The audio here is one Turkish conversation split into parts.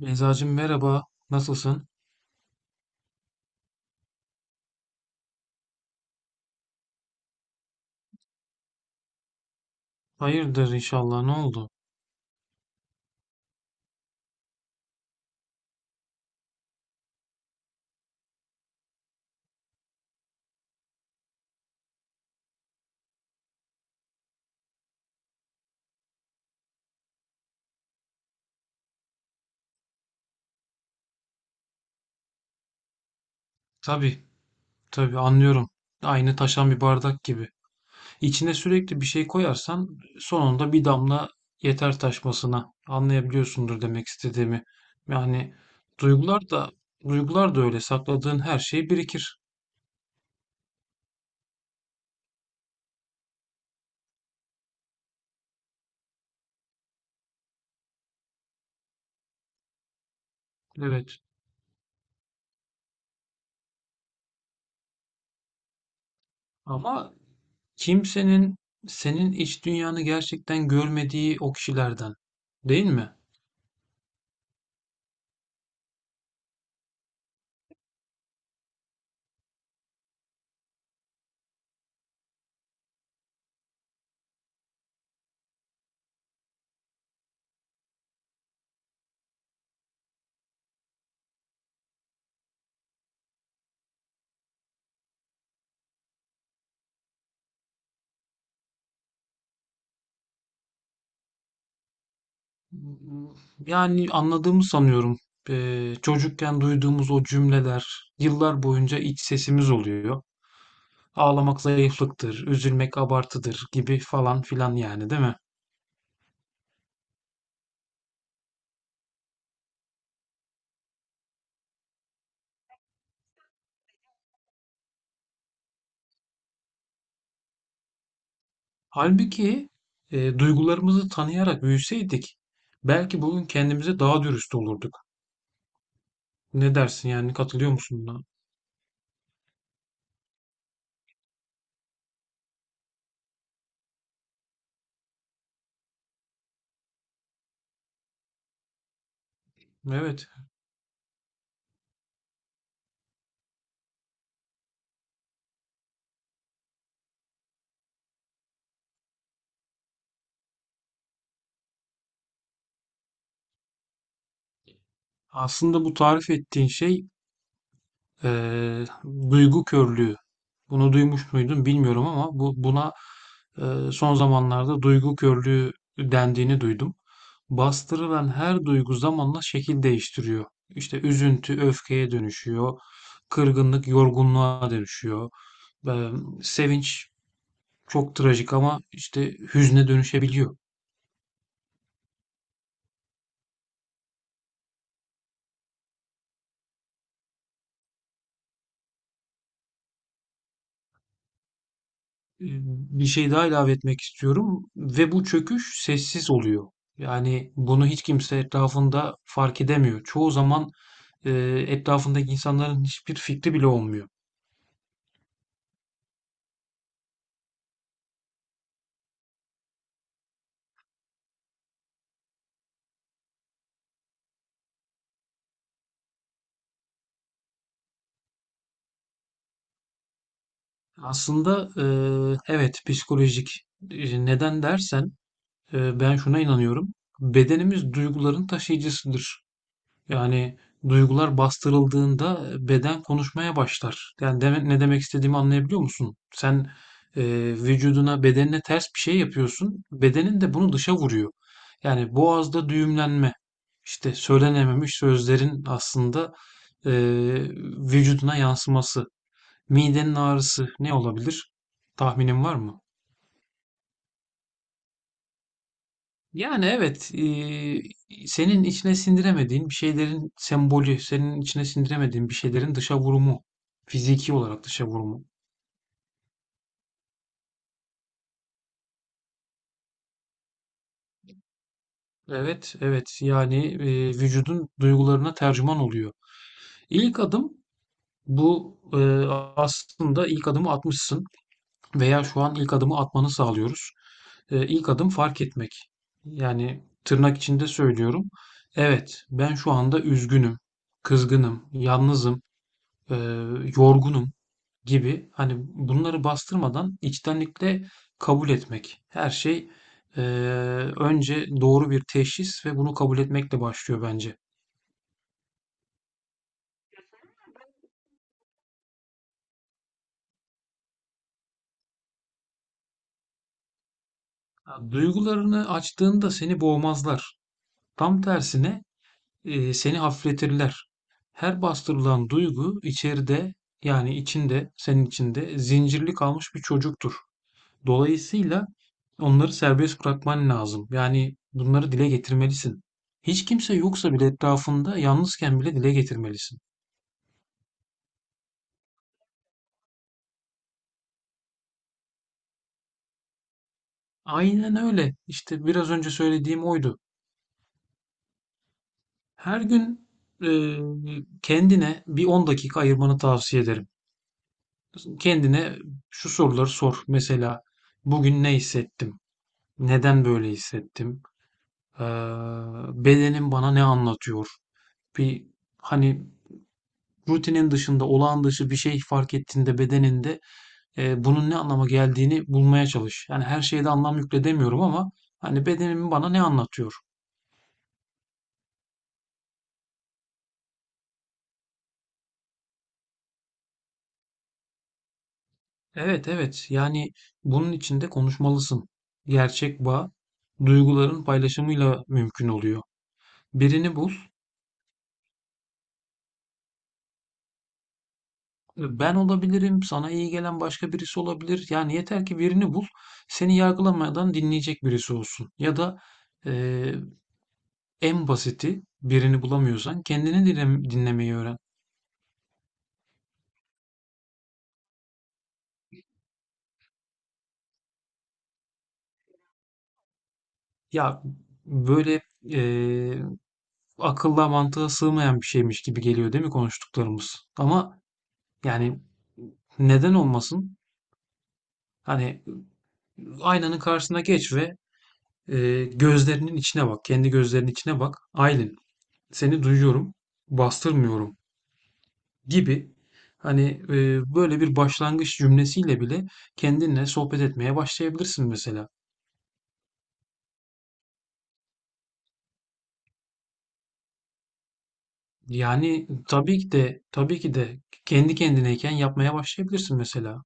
Beyzacığım merhaba, nasılsın? Hayırdır inşallah, ne oldu? Tabii, tabii anlıyorum. Aynı taşan bir bardak gibi. İçine sürekli bir şey koyarsan sonunda bir damla yeter taşmasına. Anlayabiliyorsundur demek istediğimi. Yani duygular da duygular da öyle sakladığın her şey birikir. Evet. Ama kimsenin senin iç dünyanı gerçekten görmediği o kişilerden, değil mi? Yani anladığımı sanıyorum. Çocukken duyduğumuz o cümleler yıllar boyunca iç sesimiz oluyor. Ağlamak zayıflıktır, üzülmek abartıdır gibi falan filan yani değil mi? Halbuki duygularımızı tanıyarak büyüseydik belki bugün kendimize daha dürüst olurduk. Ne dersin yani katılıyor musun buna? Evet. Aslında bu tarif ettiğin şey e, duygu körlüğü. Bunu duymuş muydun bilmiyorum ama bu buna son zamanlarda duygu körlüğü dendiğini duydum. Bastırılan her duygu zamanla şekil değiştiriyor. İşte üzüntü öfkeye dönüşüyor, kırgınlık yorgunluğa dönüşüyor, e, sevinç çok trajik ama işte hüzne dönüşebiliyor. E, Bir şey daha ilave etmek istiyorum ve bu çöküş sessiz oluyor. Yani bunu hiç kimse etrafında fark edemiyor. Çoğu zaman e, etrafındaki insanların hiçbir fikri bile olmuyor. Aslında evet psikolojik. Neden dersen ben şuna inanıyorum. Bedenimiz duyguların taşıyıcısıdır. Yani duygular bastırıldığında beden konuşmaya başlar. Yani ne demek istediğimi anlayabiliyor musun? Sen e, vücuduna, bedenine ters bir şey yapıyorsun. Bedenin de bunu dışa vuruyor. Yani boğazda düğümlenme, işte söylenememiş sözlerin aslında e, vücuduna yansıması. Midenin ağrısı ne olabilir? Tahminin var mı? Yani evet, senin içine sindiremediğin bir şeylerin sembolü, senin içine sindiremediğin bir şeylerin dışa vurumu, fiziki olarak dışa vurumu. Evet, evet. Yani vücudun duygularına tercüman oluyor. İlk adım bu, aslında ilk adımı atmışsın veya şu an ilk adımı atmanı sağlıyoruz. İlk adım fark etmek. Yani tırnak içinde söylüyorum. Evet, ben şu anda üzgünüm, kızgınım, yalnızım, eee, yorgunum gibi. Hani bunları bastırmadan içtenlikle kabul etmek. Her şey eee, önce doğru bir teşhis ve bunu kabul etmekle başlıyor bence. Ya, duygularını açtığında seni boğmazlar. Tam tersine seni hafifletirler. Her bastırılan duygu içeride, yani içinde, senin içinde zincirli kalmış bir çocuktur. Dolayısıyla onları serbest bırakman lazım. Yani bunları dile getirmelisin. Hiç kimse yoksa bile, etrafında yalnızken bile dile getirmelisin. Aynen öyle. İşte biraz önce söylediğim oydu. Her gün e, kendine bir 10 dakika ayırmanı tavsiye ederim. Kendine şu soruları sor. Mesela bugün ne hissettim? Neden böyle hissettim? Ee, Bedenim bana ne anlatıyor? Bir, hani, rutinin dışında, olağan dışı bir şey fark ettiğinde bedeninde, bunun ne anlama geldiğini bulmaya çalış. Yani her şeye de anlam yükledemiyorum ama hani bedenim bana ne anlatıyor? Evet, evet. Yani bunun için de konuşmalısın. Gerçek bağ duyguların paylaşımıyla mümkün oluyor. Birini bul. Ben olabilirim, sana iyi gelen başka birisi olabilir. Yani yeter ki birini bul, seni yargılamadan dinleyecek birisi olsun. Ya da eee, en basiti, birini bulamıyorsan kendini dinlemeyi öğren. Ya, böyle akılla mantığa sığmayan bir şeymiş gibi geliyor değil mi konuştuklarımız? Ama yani neden olmasın? Hani aynanın karşısına geç ve gözlerinin içine bak, kendi gözlerinin içine bak. "Aylin, seni duyuyorum, bastırmıyorum" gibi, hani, böyle bir başlangıç cümlesiyle bile kendinle sohbet etmeye başlayabilirsin mesela. Yani tabii ki de kendi kendineyken yapmaya başlayabilirsin mesela.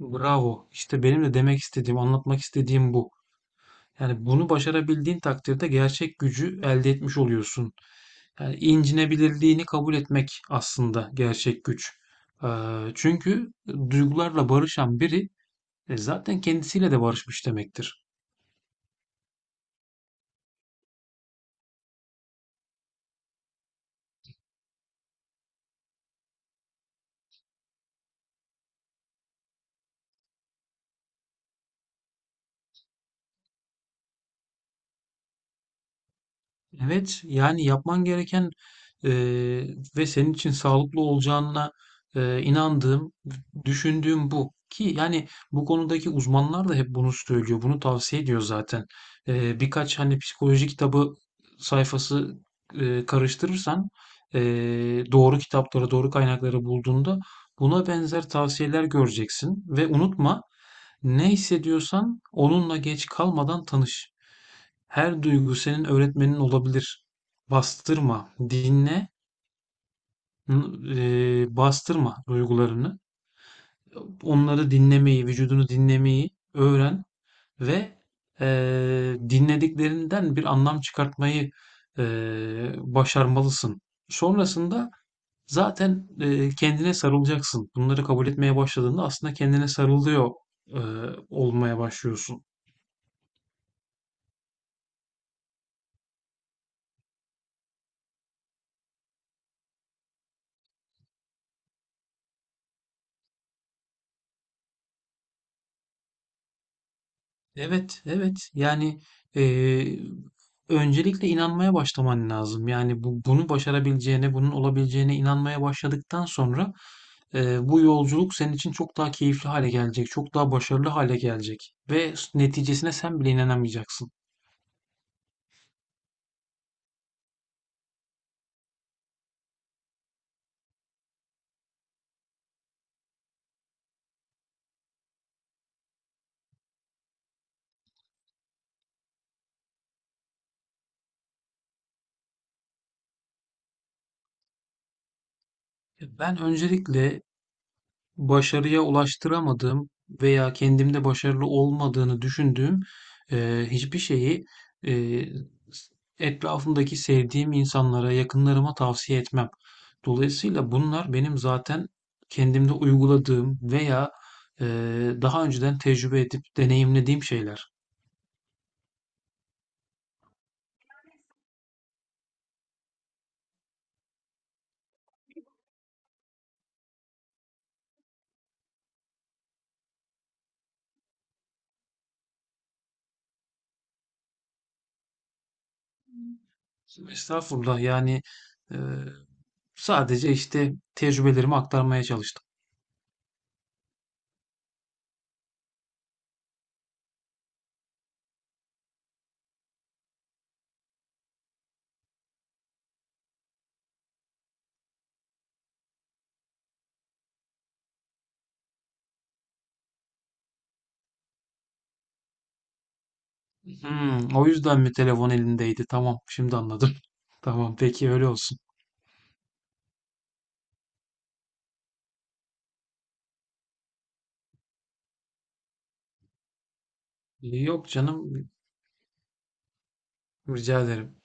Bravo. İşte benim de demek istediğim, anlatmak istediğim bu. Yani bunu başarabildiğin takdirde gerçek gücü elde etmiş oluyorsun. Yani incinebilirliğini kabul etmek aslında gerçek güç. Ee, Çünkü duygularla barışan biri zaten kendisiyle de barışmış demektir. Evet, yani yapman gereken e, ve senin için sağlıklı olacağına inandığım, düşündüğüm bu. Ki yani bu konudaki uzmanlar da hep bunu söylüyor, bunu tavsiye ediyor zaten. Birkaç hani psikoloji kitabı sayfası karıştırırsan, e, doğru kitapları, doğru kaynakları bulduğunda buna benzer tavsiyeler göreceksin. Ve unutma, ne hissediyorsan onunla geç kalmadan tanış. Her duygu senin öğretmenin olabilir. Bastırma, dinle, bastırma duygularını. Onları dinlemeyi, vücudunu dinlemeyi öğren ve dinlediklerinden bir anlam çıkartmayı başarmalısın. Sonrasında zaten kendine sarılacaksın. Bunları kabul etmeye başladığında aslında kendine sarılıyor eee, olmaya başlıyorsun. Evet, evet. Yani eee, öncelikle inanmaya başlaman lazım. Yani bunu başarabileceğine, bunun olabileceğine inanmaya başladıktan sonra bu yolculuk senin için çok daha keyifli hale gelecek, çok daha başarılı hale gelecek ve neticesine sen bile inanamayacaksın. Ben öncelikle başarıya ulaştıramadığım veya kendimde başarılı olmadığını düşündüğüm hiçbir şeyi eee, etrafımdaki sevdiğim insanlara, yakınlarıma tavsiye etmem. Dolayısıyla bunlar benim zaten kendimde uyguladığım veya daha önceden tecrübe edip deneyimlediğim şeyler. Estağfurullah, yani eee, sadece işte tecrübelerimi aktarmaya çalıştım. Hmm, o yüzden mi telefon elindeydi? Tamam, şimdi anladım. Tamam, peki öyle olsun. Yok canım, rica ederim.